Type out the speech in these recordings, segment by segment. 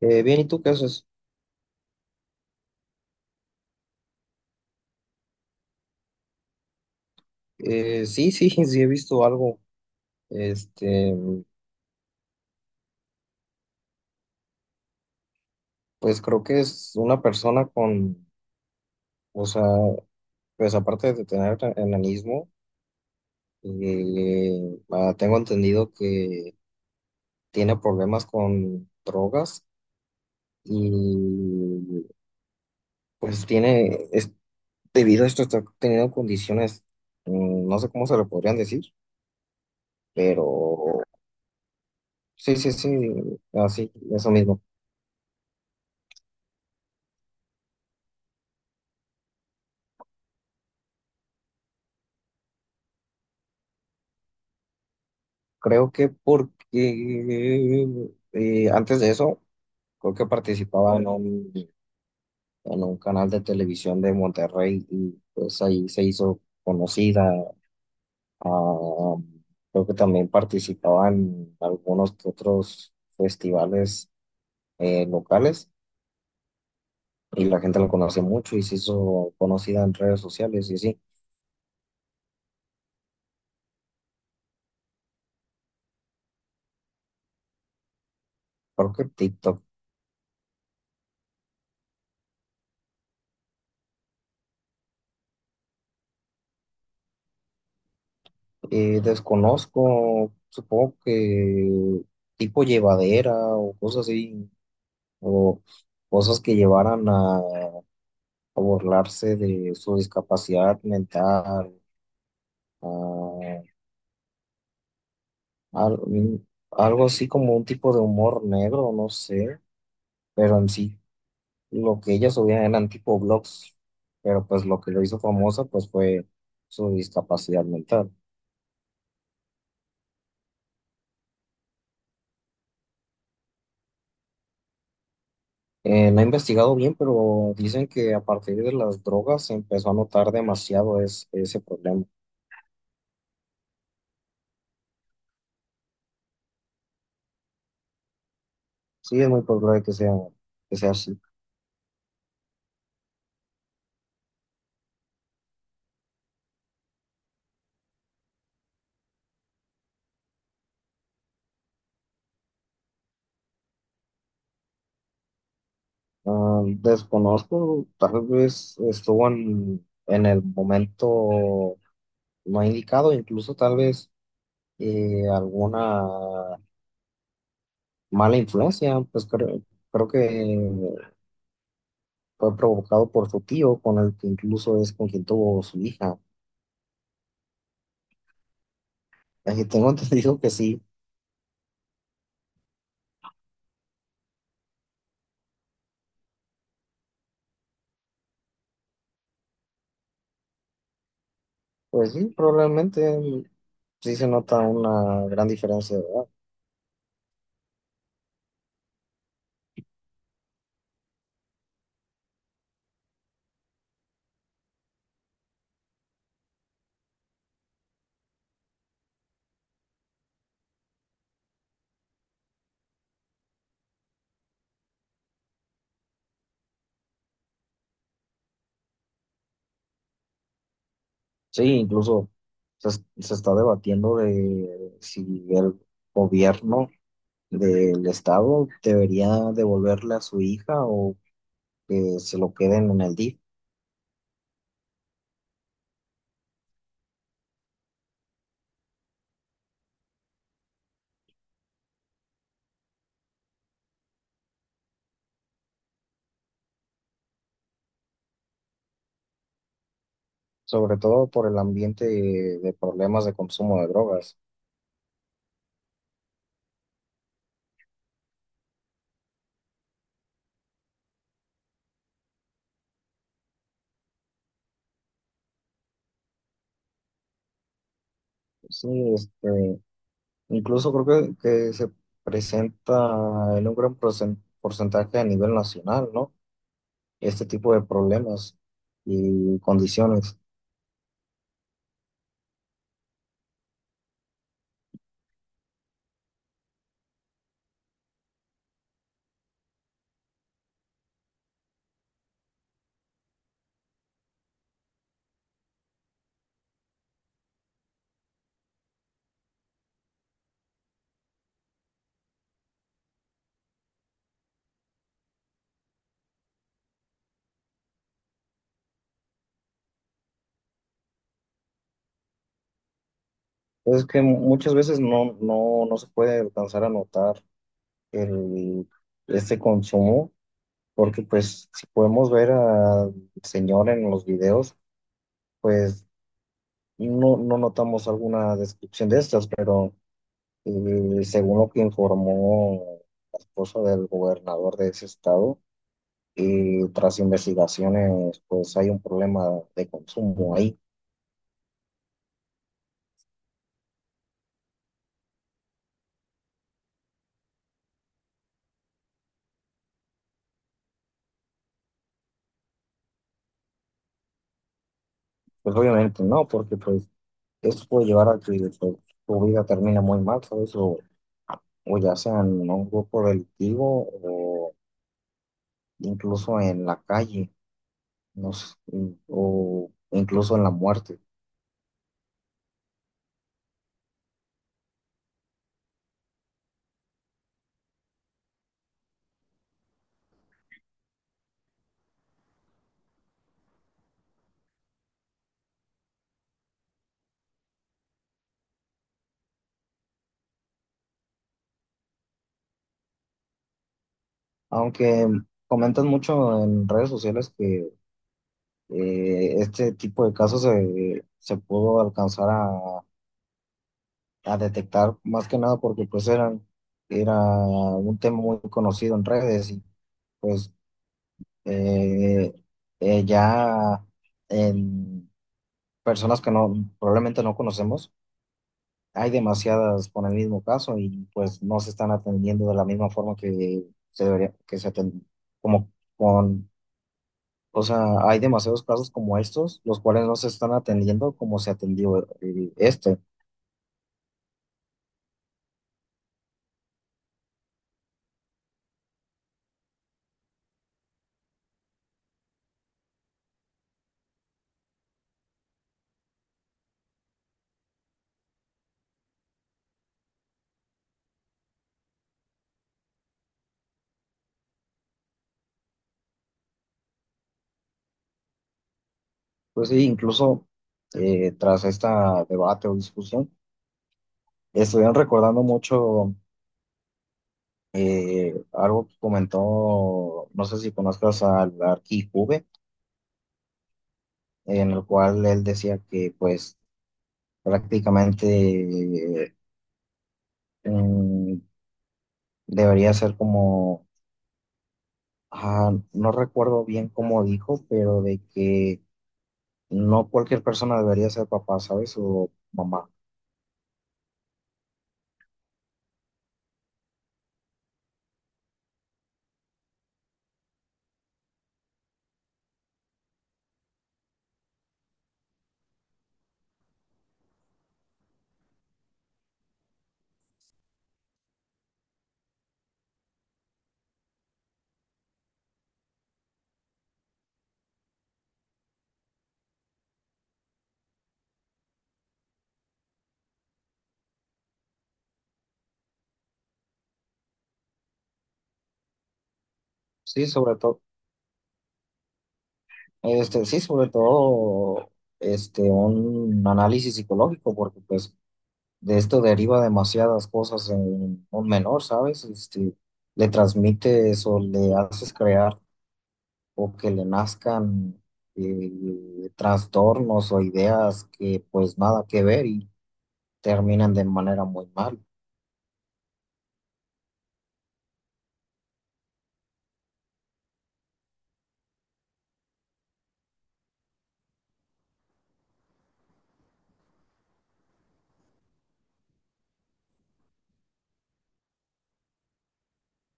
Bien, ¿y tú qué haces? Sí, sí, sí he visto algo. Este, pues creo que es una persona con, o sea, pues aparte de tener enanismo, tengo entendido que tiene problemas con drogas y pues tiene, es, debido a esto está teniendo condiciones, no sé cómo se le podrían decir, pero sí, sí, sí, así, eso mismo. Creo que porque antes de eso, creo que participaba en un canal de televisión de Monterrey y pues ahí se hizo conocida. Ah, creo que también participaba en algunos que otros festivales locales y la gente lo conoce mucho y se hizo conocida en redes sociales y sí, creo que TikTok. Desconozco, supongo que tipo llevadera o cosas así. O cosas que llevaran a burlarse de su discapacidad mental, a- algo así como un tipo de humor negro, no sé, pero en sí lo que ellas subían eran tipo blogs, pero pues lo que lo hizo famosa pues fue su discapacidad mental. No he investigado bien, pero dicen que a partir de las drogas se empezó a notar demasiado ese problema. Sí, es muy probable que sea así. Ah, desconozco, tal vez estuvo en el momento no indicado, incluso tal vez alguna mala influencia, pues creo que fue provocado por su tío, con el que incluso es con quien tuvo su hija. Tengo entendido que sí, pues sí, probablemente sí se nota una gran diferencia, ¿verdad? Sí, incluso se está debatiendo de si el gobierno del Estado debería devolverle a su hija o que se lo queden en el DIF, sobre todo por el ambiente de problemas de consumo de drogas. Sí, este, incluso creo que se presenta en un gran porcentaje a nivel nacional, ¿no? Este tipo de problemas y condiciones. Es que muchas veces no se puede alcanzar a notar el, este consumo porque pues si podemos ver al señor en los videos, pues no, no notamos alguna descripción de estas, pero según lo que informó la esposa del gobernador de ese estado, y tras investigaciones, pues hay un problema de consumo ahí. Pues obviamente no, porque pues esto puede llevar a que pues, tu vida termine muy mal, ¿sabes? O ya sea en un grupo delictivo o incluso en la calle. Nos o incluso en la muerte. Aunque comentan mucho en redes sociales que este tipo de casos se pudo alcanzar a detectar más que nada porque pues era un tema muy conocido en redes y pues eh, ya en personas que no, probablemente no conocemos hay demasiadas con el mismo caso y pues no se están atendiendo de la misma forma que se debería, que se atend- como con, o sea, hay demasiados casos como estos, los cuales no se están atendiendo como se atendió este. Pues sí, incluso tras esta debate o discusión, estuvieron recordando mucho algo que comentó, no sé si conozcas al Arqui Juve, en el cual él decía que pues prácticamente eh, mm, debería ser como, ah, no recuerdo bien cómo dijo, pero de que no cualquier persona debería ser papá, ¿sabes? O mamá. Sí, sí, sobre todo, este, un análisis psicológico, porque pues de esto deriva demasiadas cosas en un menor, ¿sabes? Este, le transmites o le haces crear o que le nazcan trastornos o ideas que pues nada que ver y terminan de manera muy mal.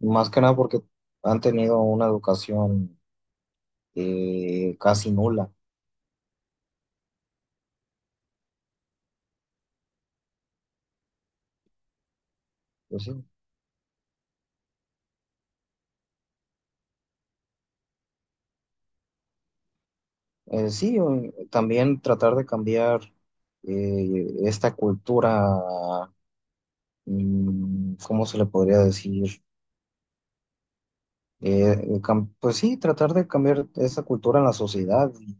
Más que nada porque han tenido una educación casi nula. Pues sí, sí, también tratar de cambiar esta cultura, ¿cómo se le podría decir? Pues sí, tratar de cambiar esa cultura en la sociedad y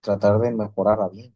tratar de mejorarla bien.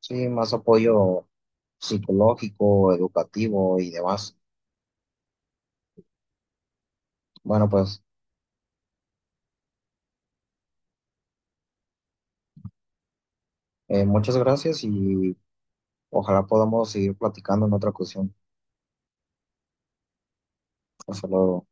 Sí, más apoyo psicológico, educativo y demás. Bueno, pues muchas gracias y ojalá podamos seguir platicando en otra ocasión. Hasta luego.